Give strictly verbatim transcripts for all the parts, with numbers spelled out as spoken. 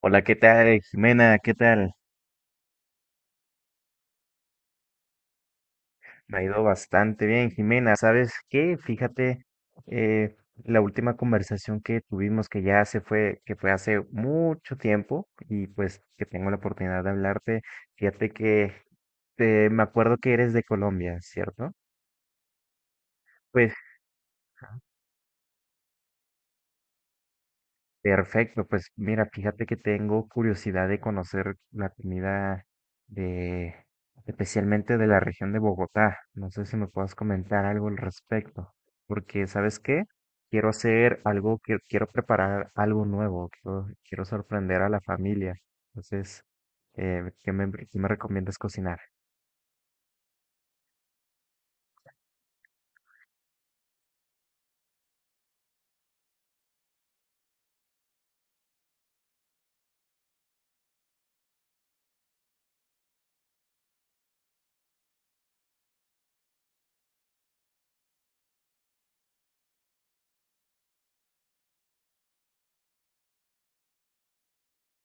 Hola, ¿qué tal, Jimena? ¿Qué tal? Me ha ido bastante bien, Jimena. ¿Sabes qué? Fíjate, eh, la última conversación que tuvimos, que ya se fue, que fue hace mucho tiempo, y pues que tengo la oportunidad de hablarte, fíjate que eh, me acuerdo que eres de Colombia, ¿cierto? Pues perfecto, pues mira, fíjate que tengo curiosidad de conocer la comida de, especialmente de la región de Bogotá. No sé si me puedas comentar algo al respecto, porque ¿sabes qué? Quiero hacer algo, que quiero preparar algo nuevo, quiero, quiero sorprender a la familia. Entonces, eh, ¿qué me, ¿qué me recomiendas cocinar?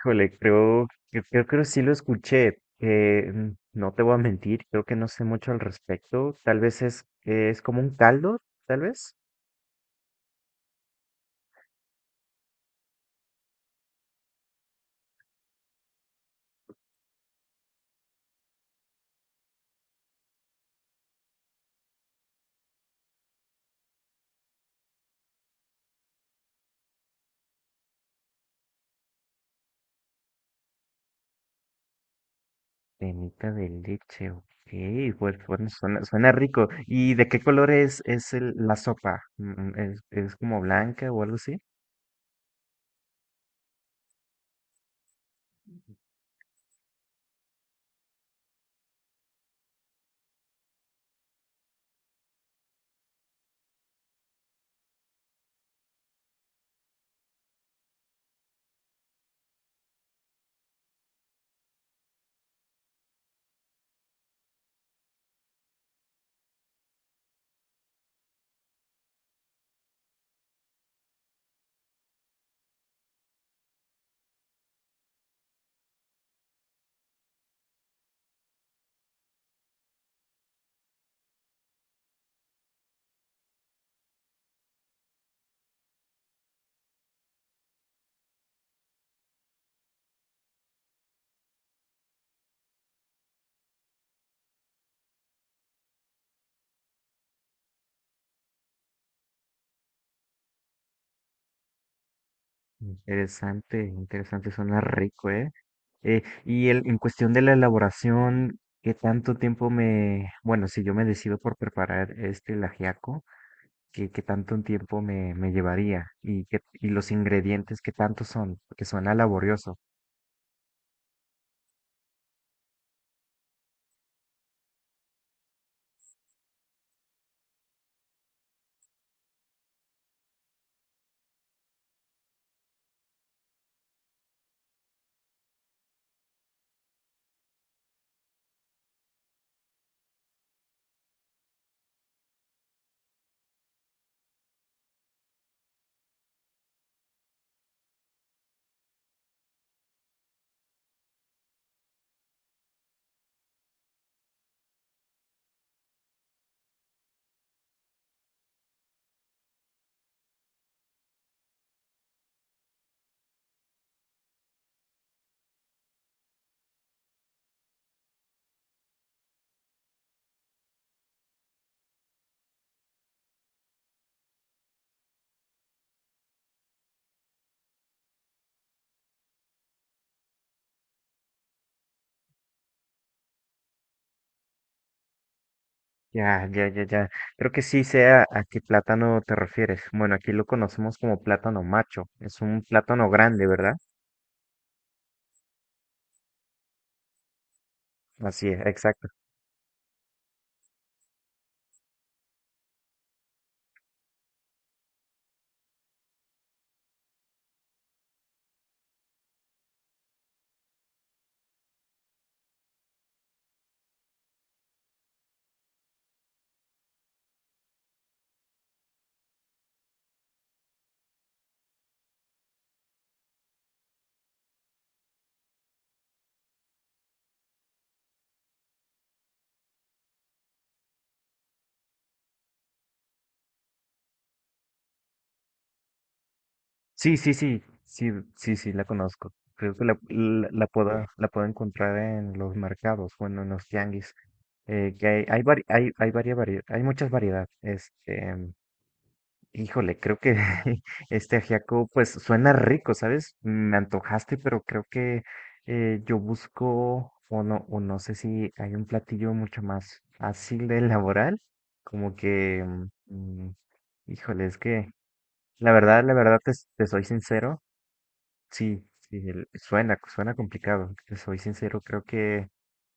Híjole, creo, creo, creo que sí lo escuché. Eh, mm, no te voy a mentir, creo que no sé mucho al respecto. Tal vez es, es como un caldo, tal vez. Cremita de leche, ok. Pues bueno, suena, suena rico. ¿Y de qué color es, es el- la sopa? Mm, mm, ¿Es, es como blanca o algo así? Interesante, interesante, suena rico, ¿eh? Eh, ¿y el, en cuestión de la elaboración, qué tanto tiempo me... Bueno, si yo me decido por preparar este el ajiaco, qué, qué tanto un tiempo me, me llevaría y, qué, y los ingredientes qué tanto son, porque suena laborioso. Ya, ya, ya, ya. Creo que sí sé a, a qué plátano te refieres. Bueno, aquí lo conocemos como plátano macho. Es un plátano grande, ¿verdad? Así es, exacto. Sí, sí, sí, sí, sí, sí, la conozco. Creo que la, la, la puedo, la puedo encontrar en los mercados, bueno, en los tianguis. Eh, que hay, hay, vari- hay, hay, varia- varie- hay muchas variedades. Este, híjole, creo que este ajiaco pues suena rico, ¿sabes? Me antojaste, pero creo que eh, yo busco o no, o no sé si hay un platillo mucho más fácil de elaborar, como que, mm, mm, híjole, es que la verdad, la verdad te, te soy sincero, sí, sí, el- suena, suena complicado, te soy sincero, creo que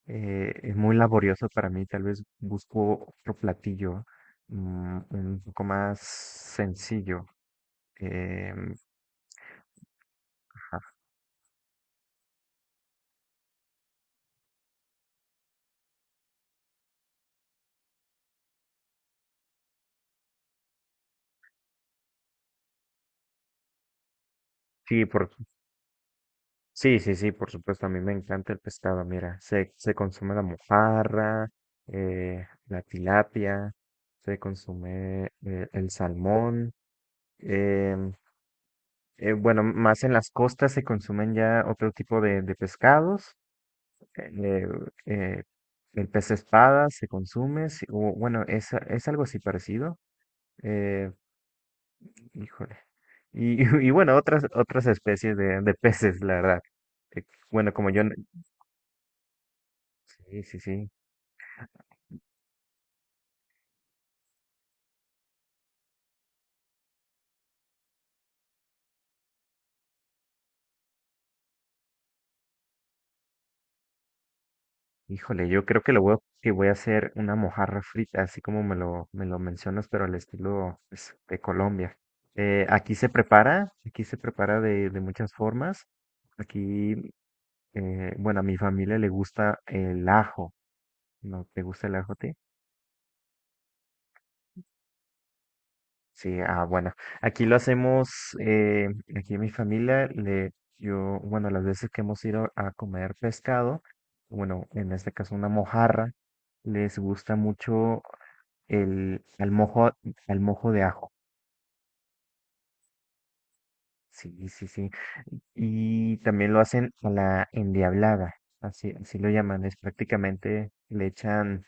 eh, es muy laborioso para mí, tal vez busco otro platillo mm, un poco más sencillo. Em, ajá. Sí, por, sí, sí, sí, por supuesto, a mí me encanta el pescado, mira, se, se consume la mojarra, eh, la tilapia, se consume eh, el salmón, em, eh, bueno, más en las costas se consumen ya otro tipo de, de pescados, eh, eh, el pez espada se consume, sí, o, bueno, es, es algo así parecido, eh, híjole. Y y bueno, otras, otras especies de, de peces, la verdad. Eh, Bueno, como yo... no- Sí, sí, sí. Híjole, yo creo que lo voy a, que voy a hacer una mojarra frita, así como me lo, me lo mencionas, pero al estilo pues, de Colombia. Eh, aquí se prepara, aquí se prepara de, de muchas formas. Aquí, eh, bueno, a mi familia le gusta el ajo. ¿No te gusta el ajo a ti? Sí, ah, bueno, aquí lo hacemos, eh, aquí en mi familia, le, yo, bueno, las veces que hemos ido a comer pescado, bueno, en este caso una mojarra, les gusta mucho el, al mojo, al mojo de ajo, sí, sí, sí, y también lo hacen a la endiablada, así, así lo llaman, es prácticamente, le echan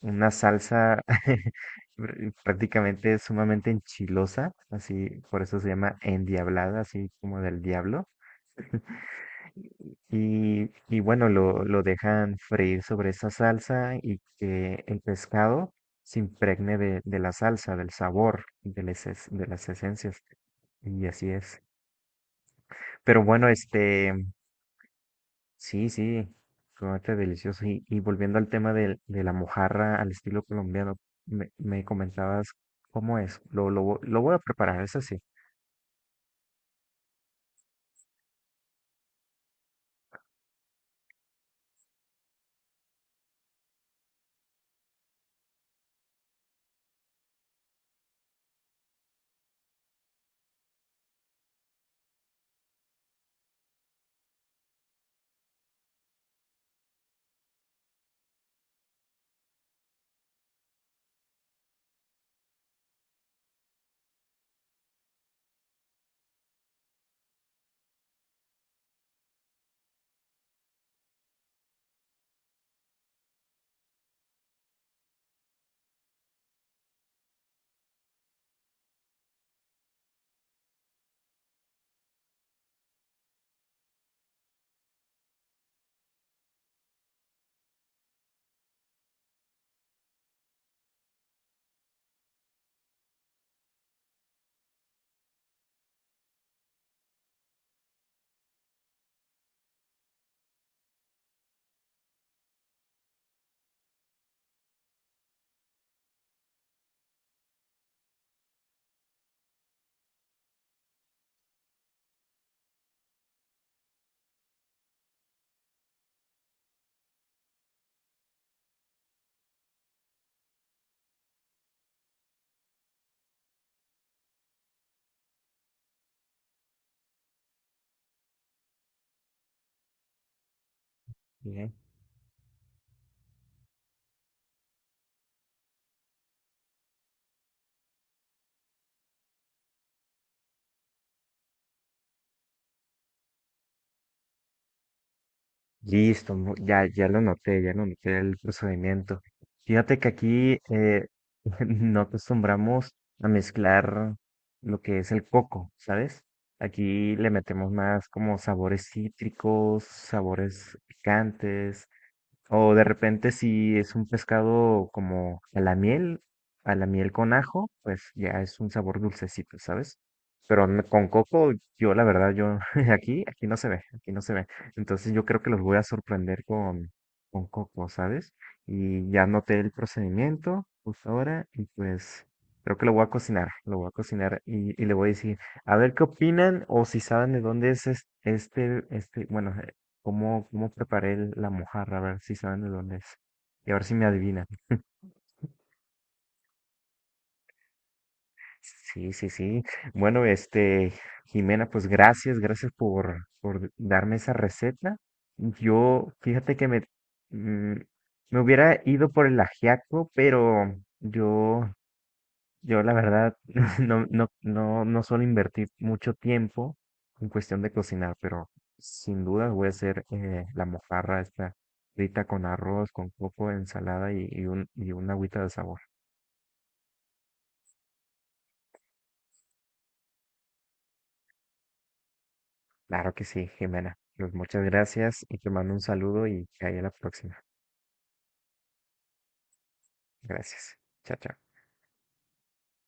una salsa pr- prácticamente sumamente enchilosa, así, por eso se llama endiablada, así como del diablo. Y, y bueno, lo, lo dejan freír sobre esa salsa y que el pescado se impregne de, de la salsa, del sabor, de las, es- de las esencias. Y así es. Pero bueno, este, sí, sí, chocolate delicioso. Y, y volviendo al tema del- de la mojarra al estilo colombiano, me, me comentabas cómo es. Lo, lo, vo- lo voy a preparar, eso sí. Bien. Listo, mu- ya, ya lo noté, ya lo noté el procedimiento. Fíjate que aquí eh, no acostumbramos a mezclar lo que es el coco, ¿sabes? Aquí le metemos más como sabores cítricos, sabores picantes, o de repente si es un pescado como a la miel, a la miel con ajo, pues ya es un sabor dulcecito, ¿sabes? Pero n- con coco, yo la verdad, yo aquí, aquí no se ve, aquí no se ve. Entonces yo creo que los voy a sorprender con, con coco, ¿sabes? Y ya noté el procedimiento justo ahora y pues creo que lo voy a cocinar, lo voy a cocinar y, y le voy a decir, a ver qué opinan o si saben de dónde es es- este, este, bueno, cómo, cómo preparé el- la mojarra, a ver si saben de dónde es. Y a ver si me adivinan. Sí, sí, sí. Bueno, este, Jimena, pues gracias, gracias por, por darme esa receta. Yo, fíjate que me, mm, me hubiera ido por el ajiaco, pero yo yo la verdad no, no, no, no suelo invertir mucho tiempo en cuestión de cocinar, pero sin duda voy a hacer eh, la mojarra esta frita con arroz, con coco, ensalada y, y un, y una agüita de sabor. Claro que sí, Jimena. Pues muchas gracias y te mando un saludo y que haya la próxima. Gracias. Chao, chao.